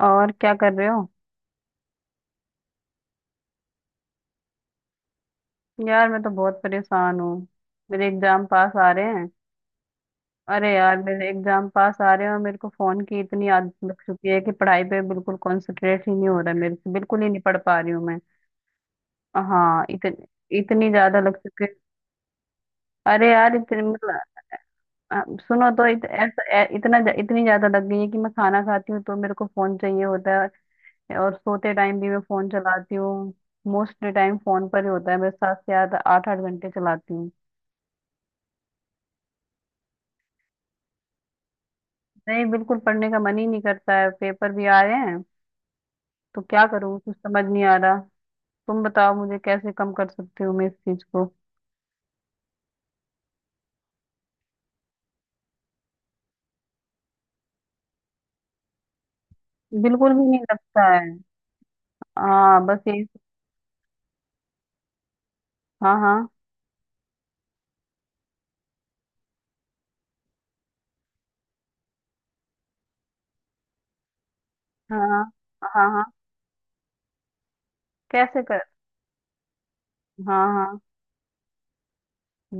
और क्या कर रहे हो। यार मैं तो बहुत परेशान हूँ। मेरे एग्जाम पास आ रहे हैं। अरे यार मेरे एग्जाम पास आ रहे हैं और मेरे को फोन की इतनी आदत लग चुकी है कि पढ़ाई पे बिल्कुल कंसंट्रेट ही नहीं हो रहा है, मेरे से बिल्कुल ही नहीं पढ़ पा रही हूँ मैं। हाँ, इतनी इतनी ज्यादा लग चुकी है। अरे यार इतनी मतलब अ, सुनो तो इत, ऐसा ऐ- इतना ज्या- इतनी ज्यादा लग गई है कि मैं खाना खाती हूँ तो मेरे को फोन चाहिए होता है। और सोते टाइम भी मैं फोन चलाती हूँ। मोस्टली टाइम फोन पर ही होता है, मैं सात से आठ आठ आठ घंटे चलाती हूँ। नहीं, बिल्कुल पढ़ने का मन ही नहीं करता है, पेपर भी आ रहे हैं। तो क्या करूँ, कुछ समझ नहीं आ रहा। तुम बताओ, मुझे कैसे कम कर सकती हूँ मैं इस चीज को। बिल्कुल भी नहीं लगता है। हाँ बस यही। हाँ हाँ। हाँ हाँ। हाँ। कैसे कर। हाँ हाँ,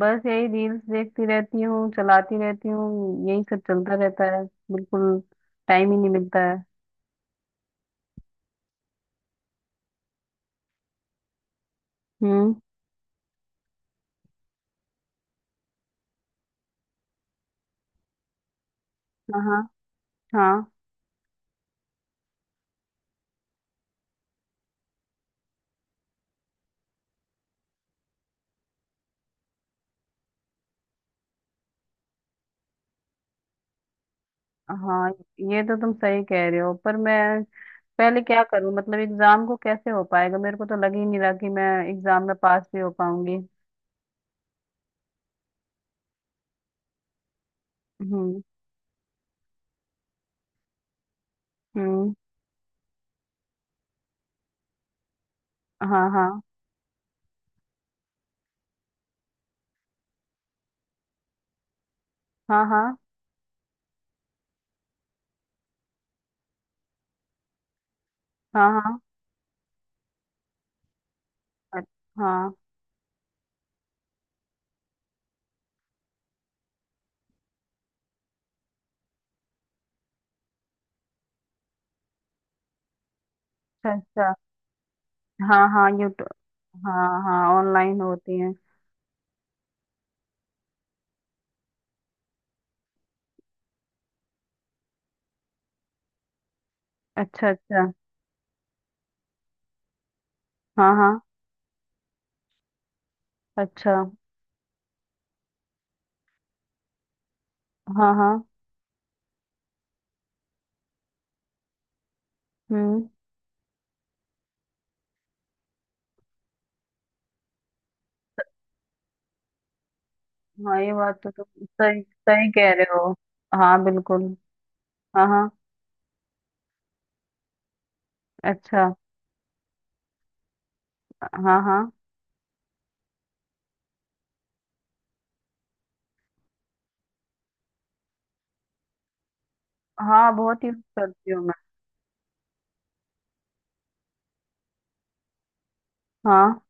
बस यही रील्स देखती रहती हूँ, चलाती रहती हूँ, यही सब चलता रहता है। बिल्कुल। टाइम ही नहीं मिलता है। हम्म। हाँ हाँ। हाँ हाँ। ये तो तुम सही कह रहे हो, पर मैं पहले क्या करूं, मतलब एग्जाम को कैसे हो पाएगा, मेरे को तो लग ही नहीं रहा कि मैं एग्जाम में पास भी हो पाऊंगी। हम्म। हम्म। हाँ हाँ। हाँ हाँ। हाँ हाँ। अ- हाँ। अच्छा अच्छा। हाँ हाँ, यूट्यूब। हाँ हाँ, ऑनलाइन होती हैं। अच्छा अच्छा। हाँ हाँ। अच्छा। हाँ हाँ। हम्म। हाँ, ये बात तो तुम सही सही कह रहे हो। हाँ बिल्कुल। हाँ हाँ। अच्छा। हाँ हाँ। हाँ बहुत यूज करती हूँ मैं। हाँ।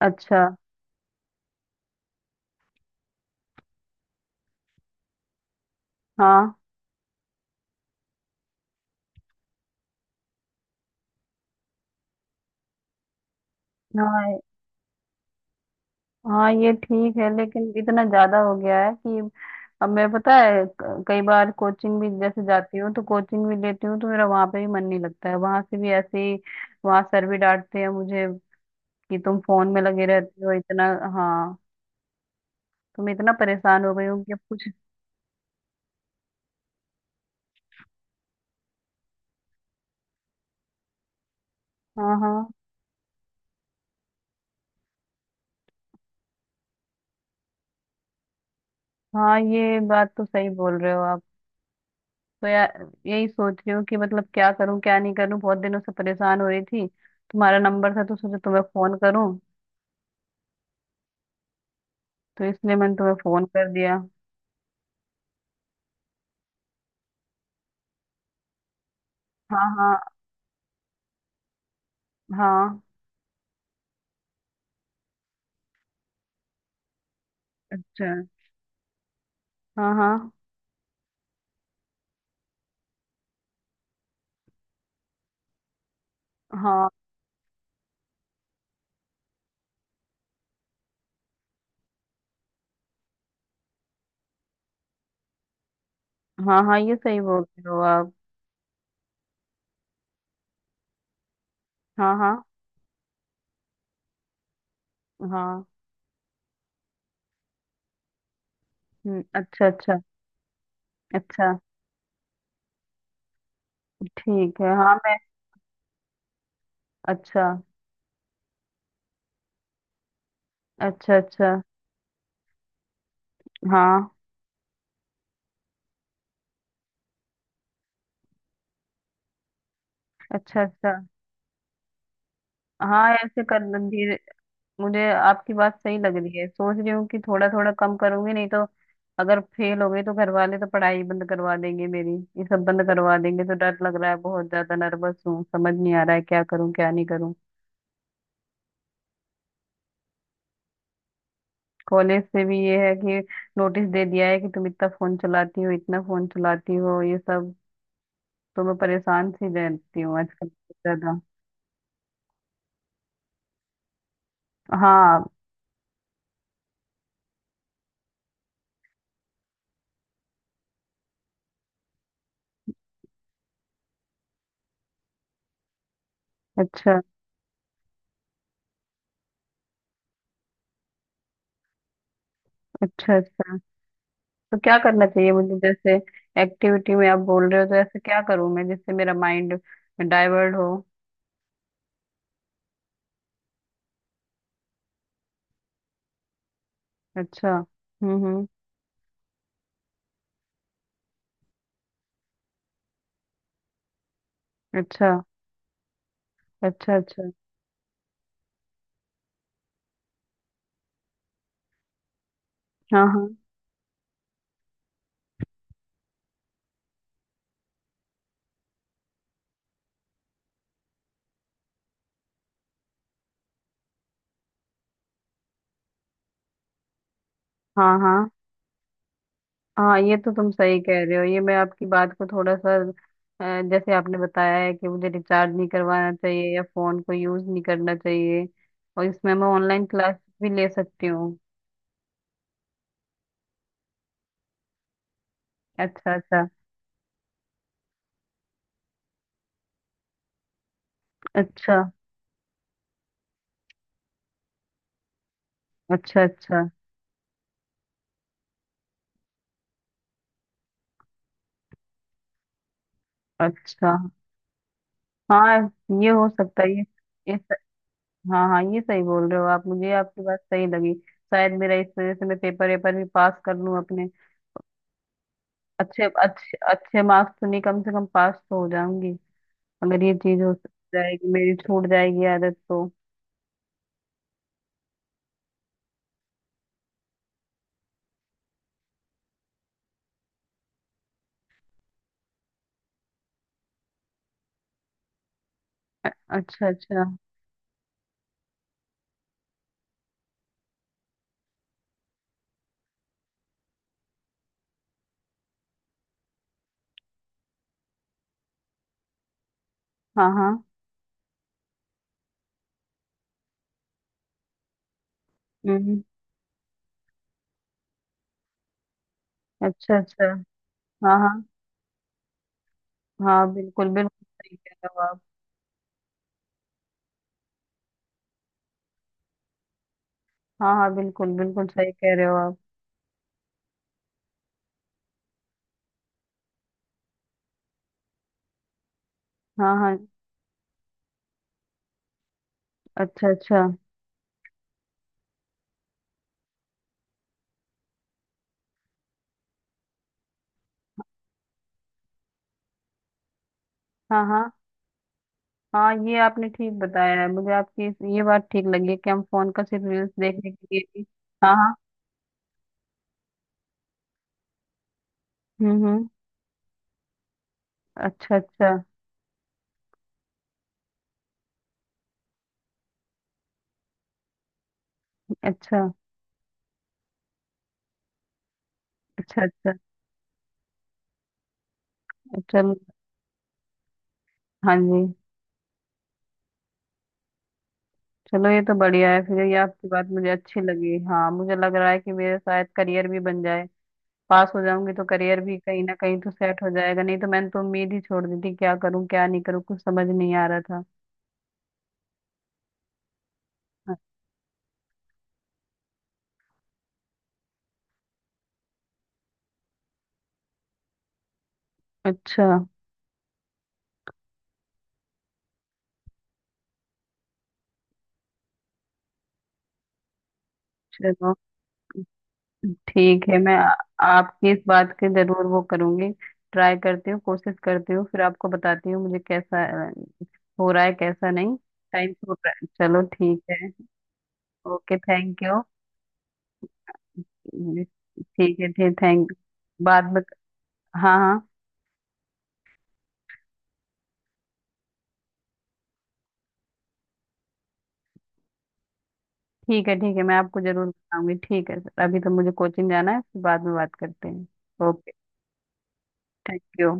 अच्छा। हाँ हाँ। हाँ ये ठीक है, लेकिन इतना ज्यादा हो गया है कि अब मैं, पता है, कई बार कोचिंग भी जैसे जाती हूँ तो कोचिंग भी लेती हूँ तो मेरा वहां पे भी मन नहीं लगता है, वहां से भी ऐसे ही। वहां सर भी डांटते हैं मुझे कि तुम फोन में लगे रहते हो इतना। हाँ। तो मैं इतना परेशान हो गई हूँ कि अब कुछ। हाँ हाँ। हाँ, ये बात तो सही बोल रहे हो आप। तो यार यही सोच रही हूँ कि मतलब क्या करूँ क्या नहीं करूँ, बहुत दिनों से परेशान हो रही थी। तुम्हारा नंबर था तो सोचा तुम्हें फोन करूँ, तो इसलिए मैंने तुम्हें फोन कर दिया। हाँ हाँ। हाँ। अच्छा। हाँ हाँ। हाँ हाँ। हाँ ये सही बोल रहे हो आप। हाँ हाँ। हाँ। अच्छा अच्छा। अच्छा। ठीक है, हाँ मैं। अच्छा अच्छा। अच्छा। हाँ। अच्छा अच्छा। हाँ ऐसे कर धीरे। मुझे आपकी बात सही लग रही है, सोच रही हूँ कि थोड़ा थोड़ा कम करूंगी, नहीं तो अगर फेल हो गई तो घर वाले तो पढ़ाई बंद करवा देंगे मेरी। ये सब बंद करवा देंगे तो डर लग रहा है, बहुत ज्यादा नर्वस हूँ, समझ नहीं आ रहा है क्या करूँ क्या नहीं करूँ। कॉलेज से भी ये है कि नोटिस दे दिया है कि तुम इतना फोन चलाती हो, इतना फोन चलाती हो, ये सब। तो मैं परेशान सी रहती हूँ आजकल बहुत ज्यादा। हाँ। अच्छा अच्छा। अच्छा। तो क्या करना चाहिए मुझे, जैसे एक्टिविटी में आप बोल रहे हो तो ऐसे क्या करूँ मैं जिससे मेरा माइंड डाइवर्ट हो। अच्छा। हम्म। अच्छा अच्छा। अच्छा। हाँ हाँ। हाँ हाँ। हाँ ये तो तुम सही कह रहे हो। ये मैं आपकी बात को थोड़ा सा, जैसे आपने बताया है कि मुझे रिचार्ज नहीं करवाना चाहिए या फोन को यूज नहीं करना चाहिए, और इसमें मैं ऑनलाइन क्लास भी ले सकती हूँ। अच्छा अच्छा। अच्छा। अच्छा। अच्छा अच्छा। हाँ ये हो सकता है। ये स- हाँ हाँ ये सही बोल रहे हो आप, मुझे आपकी बात सही लगी। शायद मेरा, इस वजह से मैं पेपर वेपर भी पास कर लूँ अपने। अच्छे अच्छे अच्छे मार्क्स तो नहीं, कम से कम पास तो हो जाऊंगी, अगर ये चीज हो जाएगी, मेरी छूट जाएगी आदत तो। अ- अच्छा अच्छा। हाँ हाँ। हम्म। अच्छा अच्छा। हाँ हाँ। हाँ बिल्कुल बिल्कुल सही कह रहे हो आप। हाँ हाँ, बिल्कुल बिल्कुल सही कह रहे हो आप। हाँ हाँ। अच्छा अच्छा। हाँ हाँ। हाँ ये आपने ठीक बताया है, मुझे आपकी ये बात ठीक लगी कि हम फोन का सिर्फ रील्स देखने के लिए भी। हाँ हाँ। हम्म। अच्छा अच्छा। अच्छा अच्छा। अच्छा। अच्छा चलो। हाँ जी। चलो ये तो बढ़िया है, फिर ये आपकी बात मुझे अच्छी लगी। हाँ मुझे लग रहा है कि मेरा शायद करियर भी बन जाए, पास हो जाऊंगी तो करियर भी कहीं ना कहीं तो सेट हो जाएगा, नहीं तो मैंने तो उम्मीद ही छोड़ दी थी, क्या करूं क्या नहीं करूं कुछ समझ नहीं आ रहा था। अच्छा। चलो। ठीक है, मैं आपकी इस बात की जरूर वो करूंगी। ट्राई करती हूँ, कोशिश करती हूँ, फिर आपको बताती हूँ मुझे कैसा अ, हो रहा है कैसा नहीं। टाइम हो रहा है, चलो ठीक है। Okay thank you. ठीक है, ठीक थैंक, बाद में। हाँ हाँ। ठीक है ठीक है, मैं आपको जरूर बताऊंगी। ठीक है सर, अभी तो मुझे कोचिंग जाना है, फिर बाद में बात करते हैं। Okay thank you.